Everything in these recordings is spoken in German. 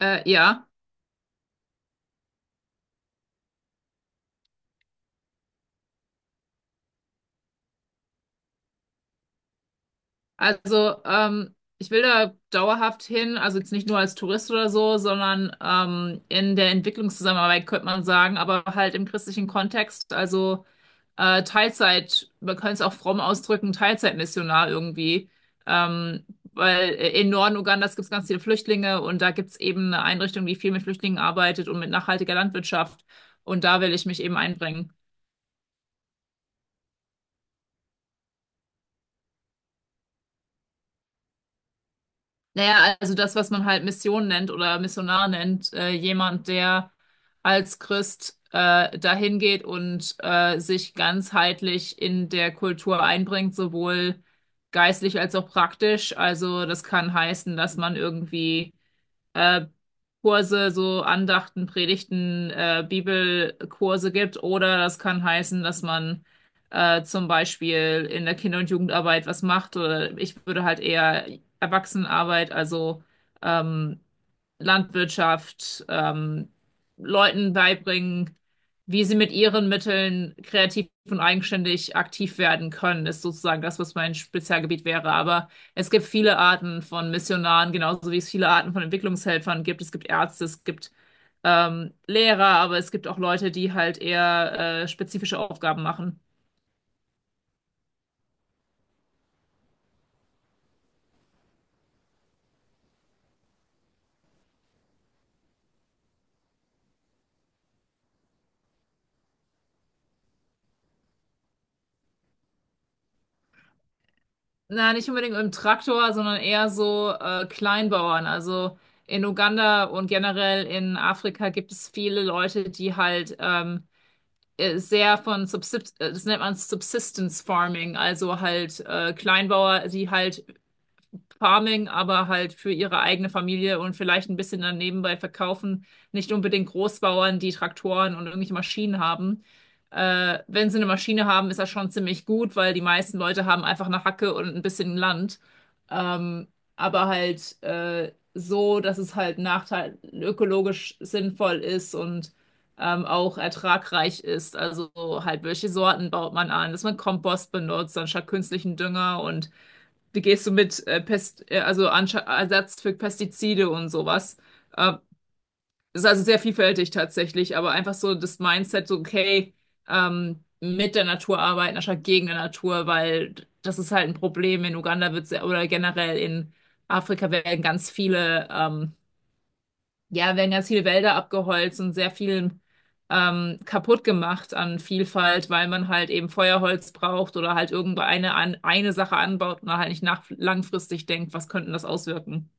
Äh, ja, also ähm, ich will da dauerhaft hin, also jetzt nicht nur als Tourist oder so, sondern in der Entwicklungszusammenarbeit könnte man sagen, aber halt im christlichen Kontext, also Teilzeit, man könnte es auch fromm ausdrücken, Teilzeitmissionar irgendwie, ähm, weil im Norden Ugandas gibt es ganz viele Flüchtlinge und da gibt es eben eine Einrichtung, die viel mit Flüchtlingen arbeitet und mit nachhaltiger Landwirtschaft und da will ich mich eben einbringen. Naja, also das, was man halt Mission nennt oder Missionar nennt, jemand, der als Christ dahin geht und sich ganzheitlich in der Kultur einbringt, sowohl geistlich als auch praktisch. Also das kann heißen, dass man irgendwie äh, Kurse, so Andachten, Predigten, Bibelkurse gibt. Oder das kann heißen, dass man zum Beispiel in der Kinder- und Jugendarbeit was macht. Oder ich würde halt eher Erwachsenenarbeit, also ähm, Landwirtschaft, Leuten beibringen, wie sie mit ihren Mitteln kreativ und eigenständig aktiv werden können, ist sozusagen das, was mein Spezialgebiet wäre. Aber es gibt viele Arten von Missionaren, genauso wie es viele Arten von Entwicklungshelfern gibt. Es gibt Ärzte, es gibt Lehrer, aber es gibt auch Leute, die halt eher spezifische Aufgaben machen. Na, nicht unbedingt im Traktor, sondern eher so Kleinbauern. Also in Uganda und generell in Afrika gibt es viele Leute, die halt sehr von Subsist das nennt man Subsistence Farming, also halt Kleinbauer, die halt Farming, aber halt für ihre eigene Familie und vielleicht ein bisschen dann nebenbei verkaufen. Nicht unbedingt Großbauern, die Traktoren und irgendwelche Maschinen haben. Wenn sie eine Maschine haben, ist das schon ziemlich gut, weil die meisten Leute haben einfach eine Hacke und ein bisschen Land. Ähm, aber halt so, dass es halt Nachteil ökologisch sinnvoll ist und auch ertragreich ist. Also so halt, welche Sorten baut man an, dass man Kompost benutzt anstatt künstlichen Dünger und wie gehst du mit also Anscha Ersatz für Pestizide und sowas? Äh, Ist also sehr vielfältig tatsächlich, aber einfach so das Mindset, so okay, mit der Natur arbeiten anstatt gegen der Natur, weil das ist halt ein Problem. In Uganda wird sehr, oder generell in Afrika werden ganz viele ja, werden ganz viele Wälder abgeholzt und sehr viel kaputt gemacht an Vielfalt, weil man halt eben Feuerholz braucht oder halt eine Sache anbaut und halt nicht nach, langfristig denkt, was könnten das auswirken.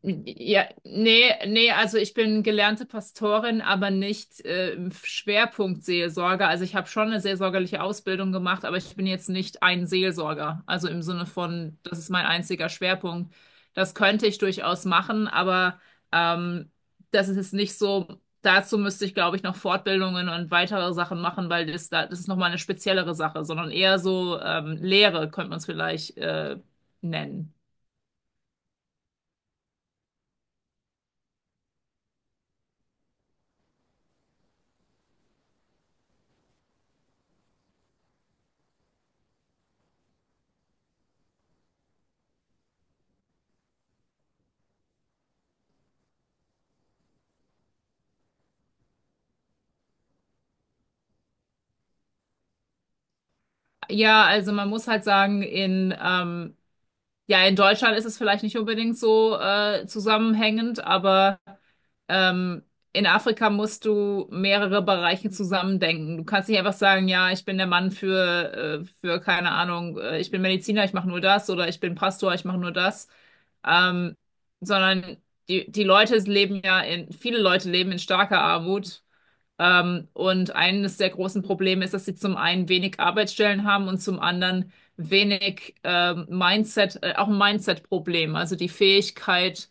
Ja, nee, nee, also ich bin gelernte Pastorin, aber nicht im Schwerpunkt Seelsorge. Also ich habe schon eine seelsorgerliche Ausbildung gemacht, aber ich bin jetzt nicht ein Seelsorger. Also im Sinne von, das ist mein einziger Schwerpunkt. Das könnte ich durchaus machen, aber ähm, das ist jetzt nicht so. Dazu müsste ich, glaube ich, noch Fortbildungen und weitere Sachen machen, weil das ist nochmal eine speziellere Sache, sondern eher so Lehre könnte man es vielleicht nennen. Ja, also man muss halt sagen, ja, in Deutschland ist es vielleicht nicht unbedingt so zusammenhängend, aber ähm, in Afrika musst du mehrere Bereiche zusammendenken. Du kannst nicht einfach sagen, ja, ich bin der Mann für keine Ahnung, ich bin Mediziner, ich mache nur das oder ich bin Pastor, ich mache nur das. Ähm, Sondern die Leute leben ja in, viele Leute leben in starker Armut und eines der großen Probleme ist, dass sie zum einen wenig Arbeitsstellen haben und zum anderen wenig auch ein Mindset-Problem, also die Fähigkeit,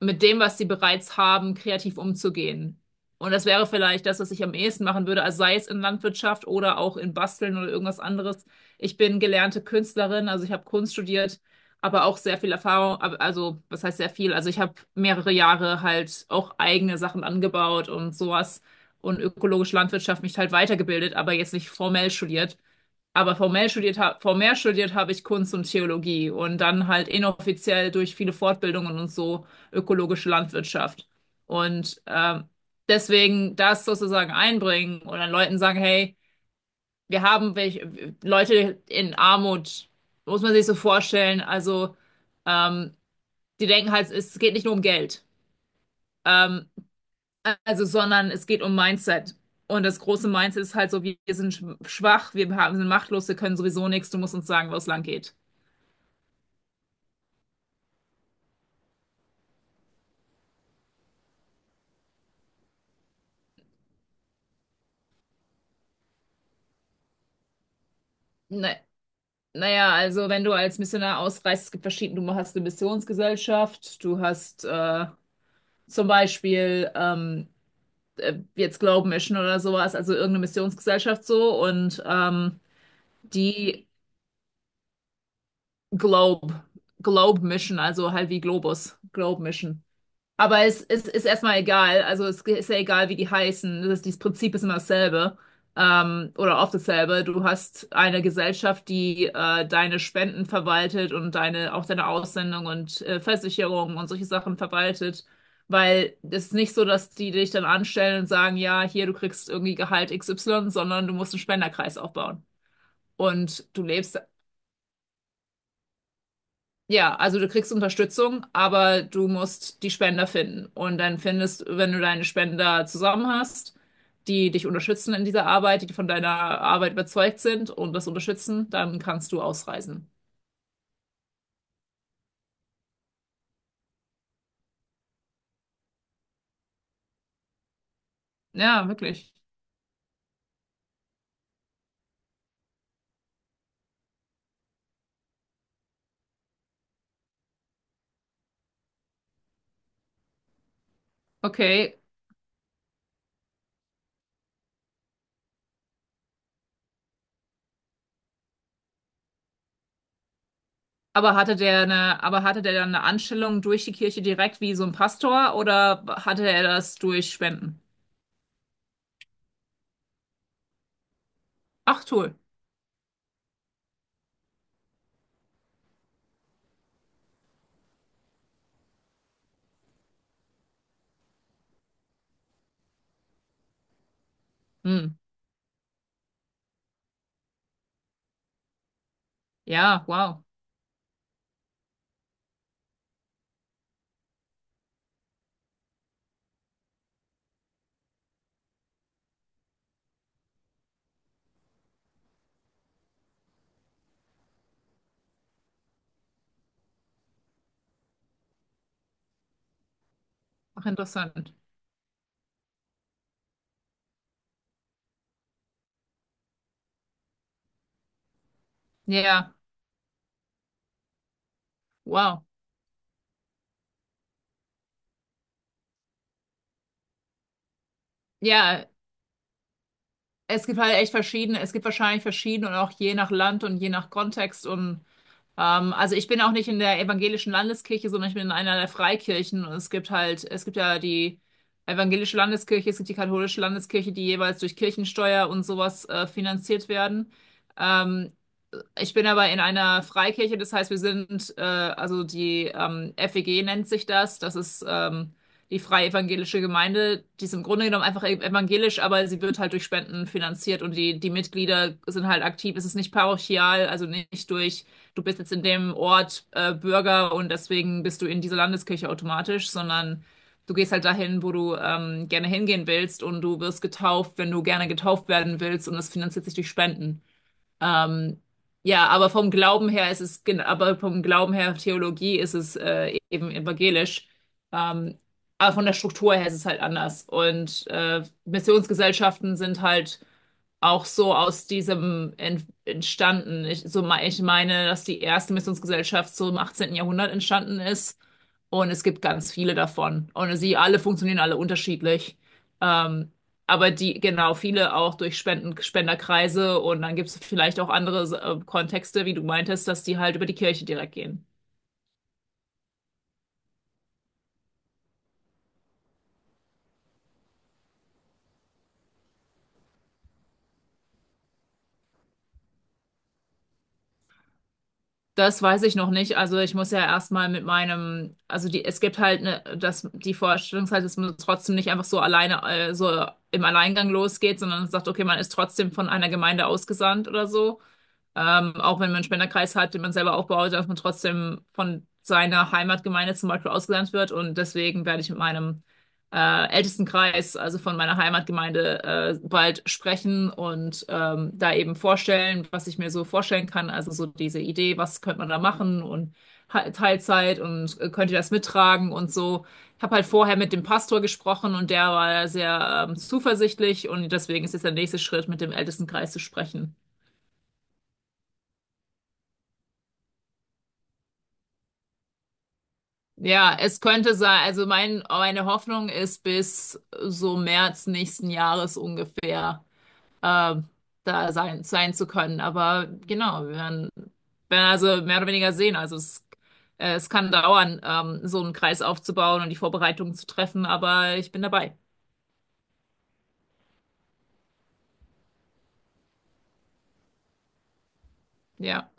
mit dem, was sie bereits haben, kreativ umzugehen. Und das wäre vielleicht das, was ich am ehesten machen würde, also sei es in Landwirtschaft oder auch in Basteln oder irgendwas anderes. Ich bin gelernte Künstlerin, also ich habe Kunst studiert, aber auch sehr viel Erfahrung, also was heißt sehr viel? Also ich habe mehrere Jahre halt auch eigene Sachen angebaut und sowas und ökologische Landwirtschaft mich halt weitergebildet, aber jetzt nicht formell studiert. Aber formell studiert, formell studiert habe ich Kunst und Theologie und dann halt inoffiziell durch viele Fortbildungen und so ökologische Landwirtschaft. Und deswegen das sozusagen einbringen und dann Leuten sagen, hey, wir haben welche, Leute in Armut, muss man sich so vorstellen. Also ähm, die denken halt, es geht nicht nur um Geld, ähm, also sondern es geht um Mindset. Und das große Mindset ist halt so, wir sind schwach, wir haben, sind machtlos, wir können sowieso nichts, du musst uns sagen, wo es lang geht. Na, naja, also wenn du als Missionar ausreist, es gibt verschiedene, du hast eine Missionsgesellschaft, du hast zum Beispiel jetzt Globe Mission oder sowas, also irgendeine Missionsgesellschaft so und die Globe, Globe Mission, also halt wie Globus, Globe Mission. Aber ist erstmal egal. Also es ist ja egal, wie die heißen. Das Prinzip ist immer dasselbe. Oder oft dasselbe. Du hast eine Gesellschaft, die deine Spenden verwaltet und auch deine Aussendung und Versicherung und solche Sachen verwaltet. Weil es ist nicht so, dass die dich dann anstellen und sagen, ja, hier, du kriegst irgendwie Gehalt XY, sondern du musst einen Spenderkreis aufbauen. Und du lebst. Ja, also du kriegst Unterstützung, aber du musst die Spender finden. Und dann findest, wenn du deine Spender zusammen hast, die dich unterstützen in dieser Arbeit, die von deiner Arbeit überzeugt sind und das unterstützen, dann kannst du ausreisen. Ja, wirklich. Okay. Aber hatte der eine, aber hatte der dann eine Anstellung durch die Kirche direkt wie so ein Pastor oder hatte er das durch Spenden? Ach, toll. Hm. Ja, wow. Ach, interessant. Ja, wow. Ja, es gibt halt echt verschiedene, es gibt wahrscheinlich verschiedene und auch je nach Land und je nach Kontext und also ich bin auch nicht in der evangelischen Landeskirche, sondern ich bin in einer der Freikirchen und es gibt halt, es gibt ja die evangelische Landeskirche, es gibt die katholische Landeskirche, die jeweils durch Kirchensteuer und sowas finanziert werden. Ähm, Ich bin aber in einer Freikirche, das heißt, wir sind, also die FEG nennt sich das. Das ist die Freie Evangelische Gemeinde. Die ist im Grunde genommen einfach evangelisch, aber sie wird halt durch Spenden finanziert und die Mitglieder sind halt aktiv. Es ist nicht parochial, also nicht durch, du bist jetzt in dem Ort Bürger und deswegen bist du in dieser Landeskirche automatisch, sondern du gehst halt dahin, wo du gerne hingehen willst und du wirst getauft, wenn du gerne getauft werden willst und das finanziert sich durch Spenden. Ähm, ja, aber vom Glauben her ist es, aber vom Glauben her Theologie ist es eben evangelisch. Ähm, aber von der Struktur her ist es halt anders. Und Missionsgesellschaften sind halt auch so aus diesem entstanden. Ich meine, dass die erste Missionsgesellschaft so im 18. Jahrhundert entstanden ist und es gibt ganz viele davon. Und sie alle funktionieren alle unterschiedlich. Ähm, aber die, genau, viele auch durch Spenden, Spenderkreise und dann gibt es vielleicht auch andere Kontexte, wie du meintest, dass die halt über die Kirche direkt gehen. Das weiß ich noch nicht. Also ich muss ja erstmal mit meinem, also die, es gibt halt eine, dass die Vorstellungszeit, dass man trotzdem nicht einfach so alleine, so im Alleingang losgeht, sondern sagt, okay, man ist trotzdem von einer Gemeinde ausgesandt oder so. Auch wenn man einen Spenderkreis hat, den man selber aufbaut, dass man trotzdem von seiner Heimatgemeinde zum Beispiel ausgelernt wird. Und deswegen werde ich mit meinem ältesten Kreis, also von meiner Heimatgemeinde, bald sprechen und da eben vorstellen, was ich mir so vorstellen kann. Also so diese Idee, was könnte man da machen und Teilzeit und könnt ihr das mittragen und so. Ich habe halt vorher mit dem Pastor gesprochen und der war sehr zuversichtlich und deswegen ist jetzt der nächste Schritt, mit dem Ältestenkreis zu sprechen. Ja, es könnte sein, meine Hoffnung ist bis so März nächsten Jahres ungefähr ähm, da sein, zu können. Aber genau, werden also mehr oder weniger sehen. Also es kann dauern, so einen Kreis aufzubauen und die Vorbereitungen zu treffen, aber ich bin dabei. Ja.